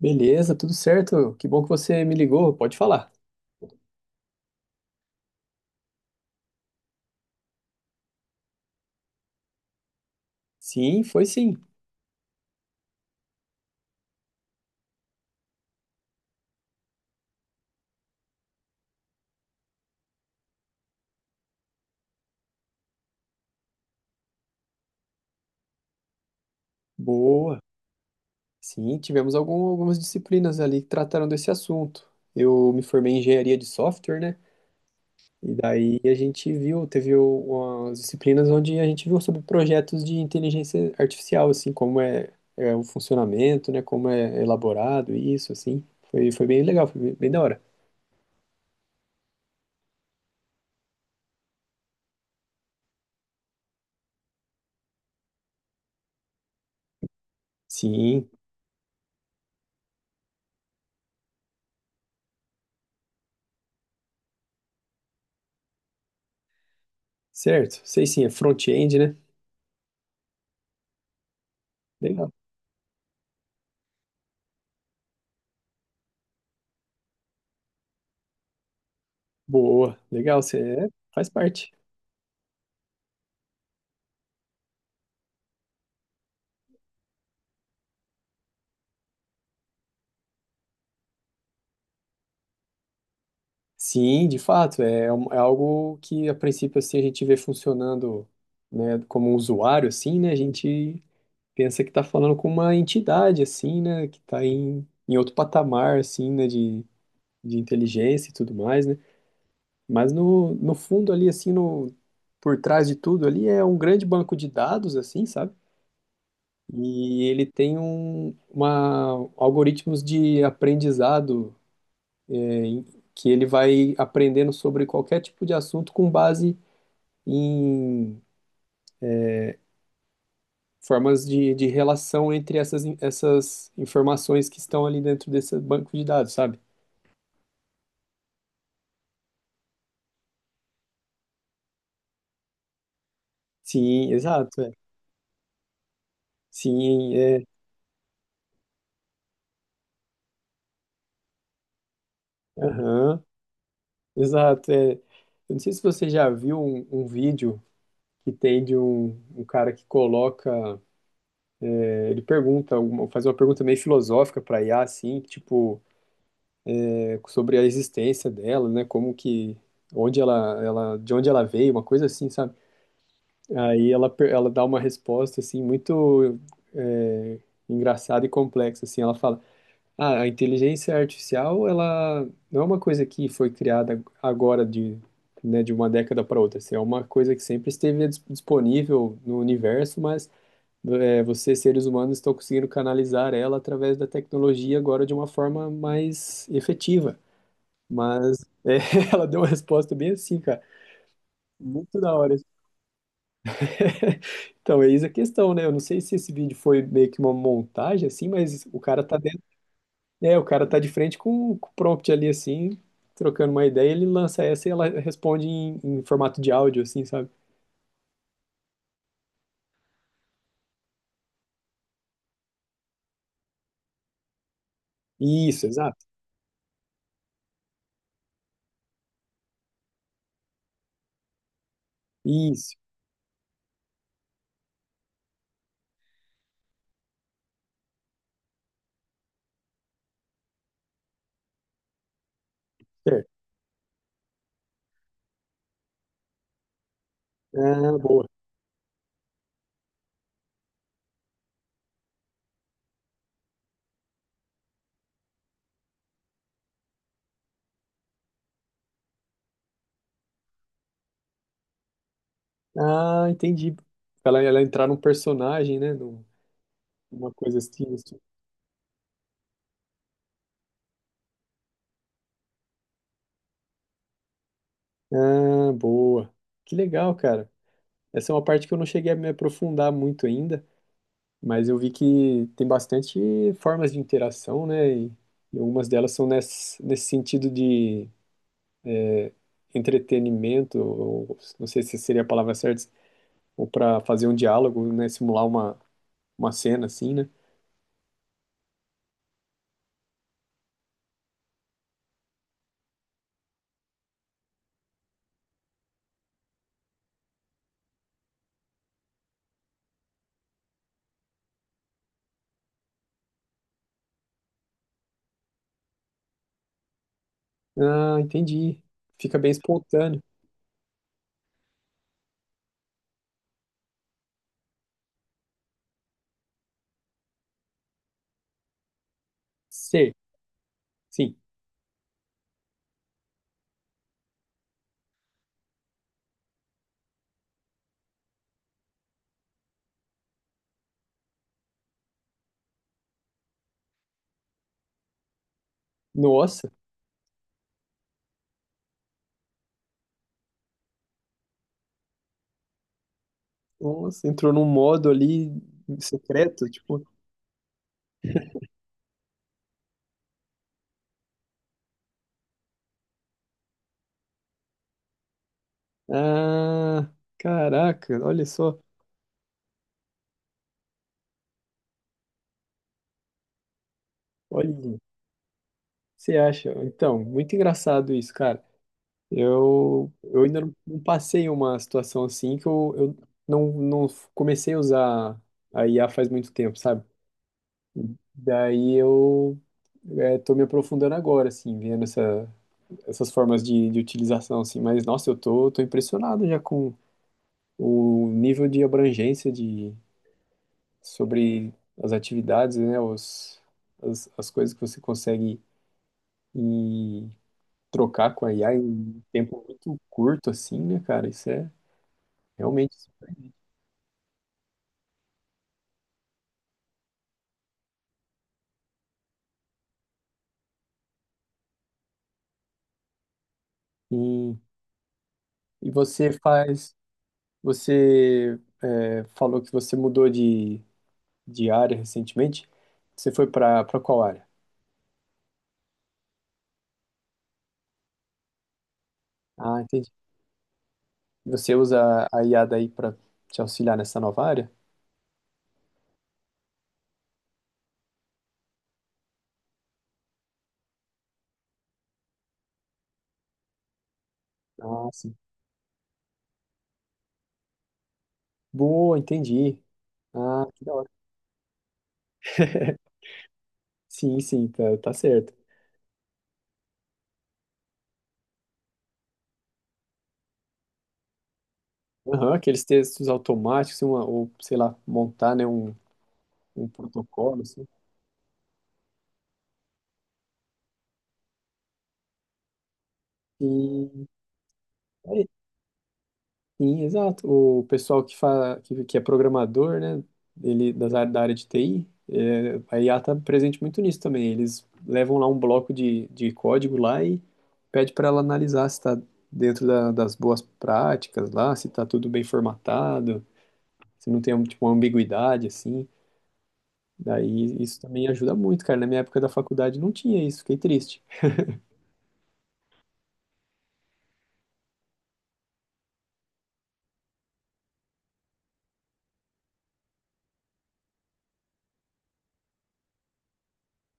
Beleza, tudo certo. Que bom que você me ligou. Pode falar. Sim, foi sim. Boa. Sim, tivemos algumas disciplinas ali que trataram desse assunto. Eu me formei em engenharia de software, né? E daí a gente viu, teve umas disciplinas onde a gente viu sobre projetos de inteligência artificial, assim, como é o funcionamento, né? Como é elaborado isso, assim. Foi bem legal, foi bem da hora. Sim, certo. Sei sim, é front-end, né? Legal. Boa, legal. Faz parte. Sim, de fato, é é algo que a princípio assim a gente vê funcionando, né, como um usuário assim, né, a gente pensa que está falando com uma entidade assim, né, que está em outro patamar assim, né, de inteligência e tudo mais, né, mas no fundo ali assim, no, por trás de tudo ali é um grande banco de dados assim, sabe? E ele tem uma, algoritmos de aprendizado que ele vai aprendendo sobre qualquer tipo de assunto com base em formas de relação entre essas, essas informações que estão ali dentro desse banco de dados, sabe? Sim, exato, é. Sim, é. Aham, exato, é. Eu não sei se você já viu um vídeo que tem de um, um cara que coloca, é, ele pergunta, faz uma pergunta meio filosófica para IA, assim, tipo, é, sobre a existência dela, né? Como que, onde ela, de onde ela veio, uma coisa assim, sabe? Aí ela dá uma resposta assim muito é, engraçada e complexa assim. Ela fala: "Ah, a inteligência artificial ela não é uma coisa que foi criada agora de, né, de uma década para outra. Assim, é uma coisa que sempre esteve disponível no universo, mas é, vocês seres humanos estão conseguindo canalizar ela através da tecnologia agora de uma forma mais efetiva." Mas é, ela deu uma resposta bem assim, cara. Muito da hora. Então, é isso a questão, né? Eu não sei se esse vídeo foi meio que uma montagem, assim, mas o cara tá dentro, é. O cara tá de frente com o prompt ali, assim, trocando uma ideia, ele lança essa e ela responde em formato de áudio, assim, sabe? Isso, exato. Isso, certo. Ah, boa. Ah, entendi. Ela entrar num personagem, né? Num- numa coisa assim, assim. Ah, boa. Que legal, cara. Essa é uma parte que eu não cheguei a me aprofundar muito ainda. Mas eu vi que tem bastante formas de interação, né? E algumas delas são nesse, nesse sentido de entretenimento, ou não sei se seria a palavra certa, ou para fazer um diálogo, né? Simular uma cena assim, né? Ah, entendi. Fica bem espontâneo. Ser, sim. Nossa, nossa, entrou num modo ali secreto, tipo, ah, caraca, olha só, olha, você acha? Então, muito engraçado isso, cara. Eu ainda não passei uma situação assim que eu não comecei a usar a IA faz muito tempo, sabe? Daí eu é, tô me aprofundando agora, assim, vendo essa, essas formas de utilização, assim. Mas, nossa, tô impressionado já com o nível de abrangência de, sobre as atividades, né? As, as coisas que você consegue ir trocar com a IA em tempo muito curto, assim, né, cara? Isso é realmente. E, e você faz, você é, falou que você mudou de área recentemente. Você foi para qual área? Ah, entendi. Você usa a IA daí para te auxiliar nessa nova área? Ah, sim. Boa, entendi. Ah, que da hora. Sim, sim, tá certo. Aham, aqueles textos automáticos, uma, ou sei lá, montar, né, um protocolo, assim. E é. Sim, exato. O pessoal que fala, que é programador, né, ele das áreas da área de TI, é, a IA está presente muito nisso também. Eles levam lá um bloco de código lá e pede para ela analisar se está dentro das boas práticas lá, se está tudo bem formatado, se não tem tipo, uma ambiguidade assim. Daí isso também ajuda muito, cara. Na minha época da faculdade não tinha isso, fiquei triste.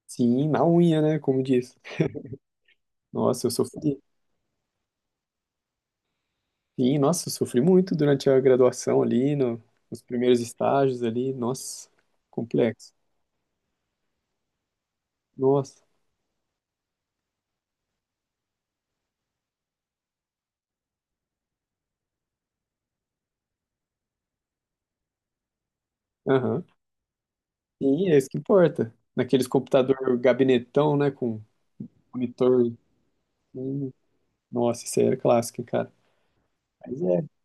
Sim, na unha, né, como diz. Nossa, eu sofri. Sim, nossa, eu sofri muito durante a graduação ali, nos primeiros estágios ali, nossa, complexo. Nossa, aham. Sim, é isso que importa. Naqueles computador gabinetão, né, com monitor. Assim. Nossa, isso aí era clássico, hein, cara. Mas é.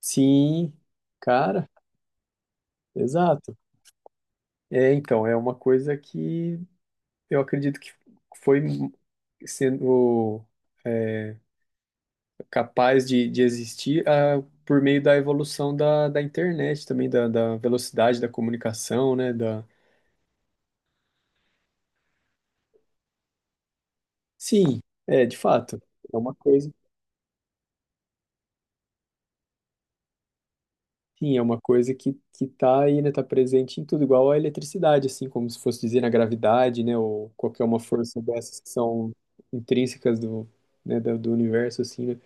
Sim, cara, exato. É, então, é uma coisa que eu acredito que foi sendo é, capaz de existir ah, por meio da evolução da, da internet também, da, da velocidade da comunicação, né? Da... Sim, é, de fato, é uma coisa, sim, é uma coisa que tá aí, né? Tá presente em tudo, igual a eletricidade, assim, como se fosse dizer na gravidade, né? Ou qualquer uma força dessas que são intrínsecas do, né, do universo, assim, né?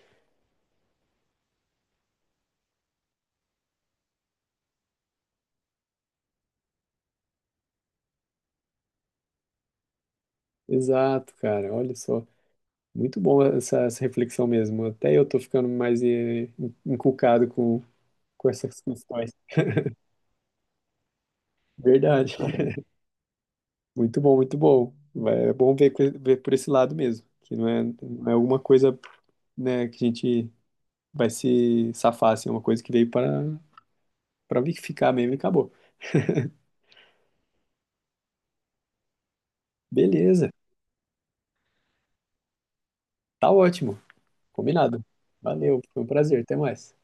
Exato, cara, olha só. Muito bom essa reflexão mesmo. Até eu tô ficando mais eh, encucado com essas questões. Verdade. Muito bom, muito bom. Vai- é bom ver, ver por esse lado mesmo, que não é alguma coisa, né, que a gente vai se safar, assim, é uma coisa que veio para ficar mesmo e acabou. Beleza, tá ótimo, combinado. Valeu, foi um prazer, até mais.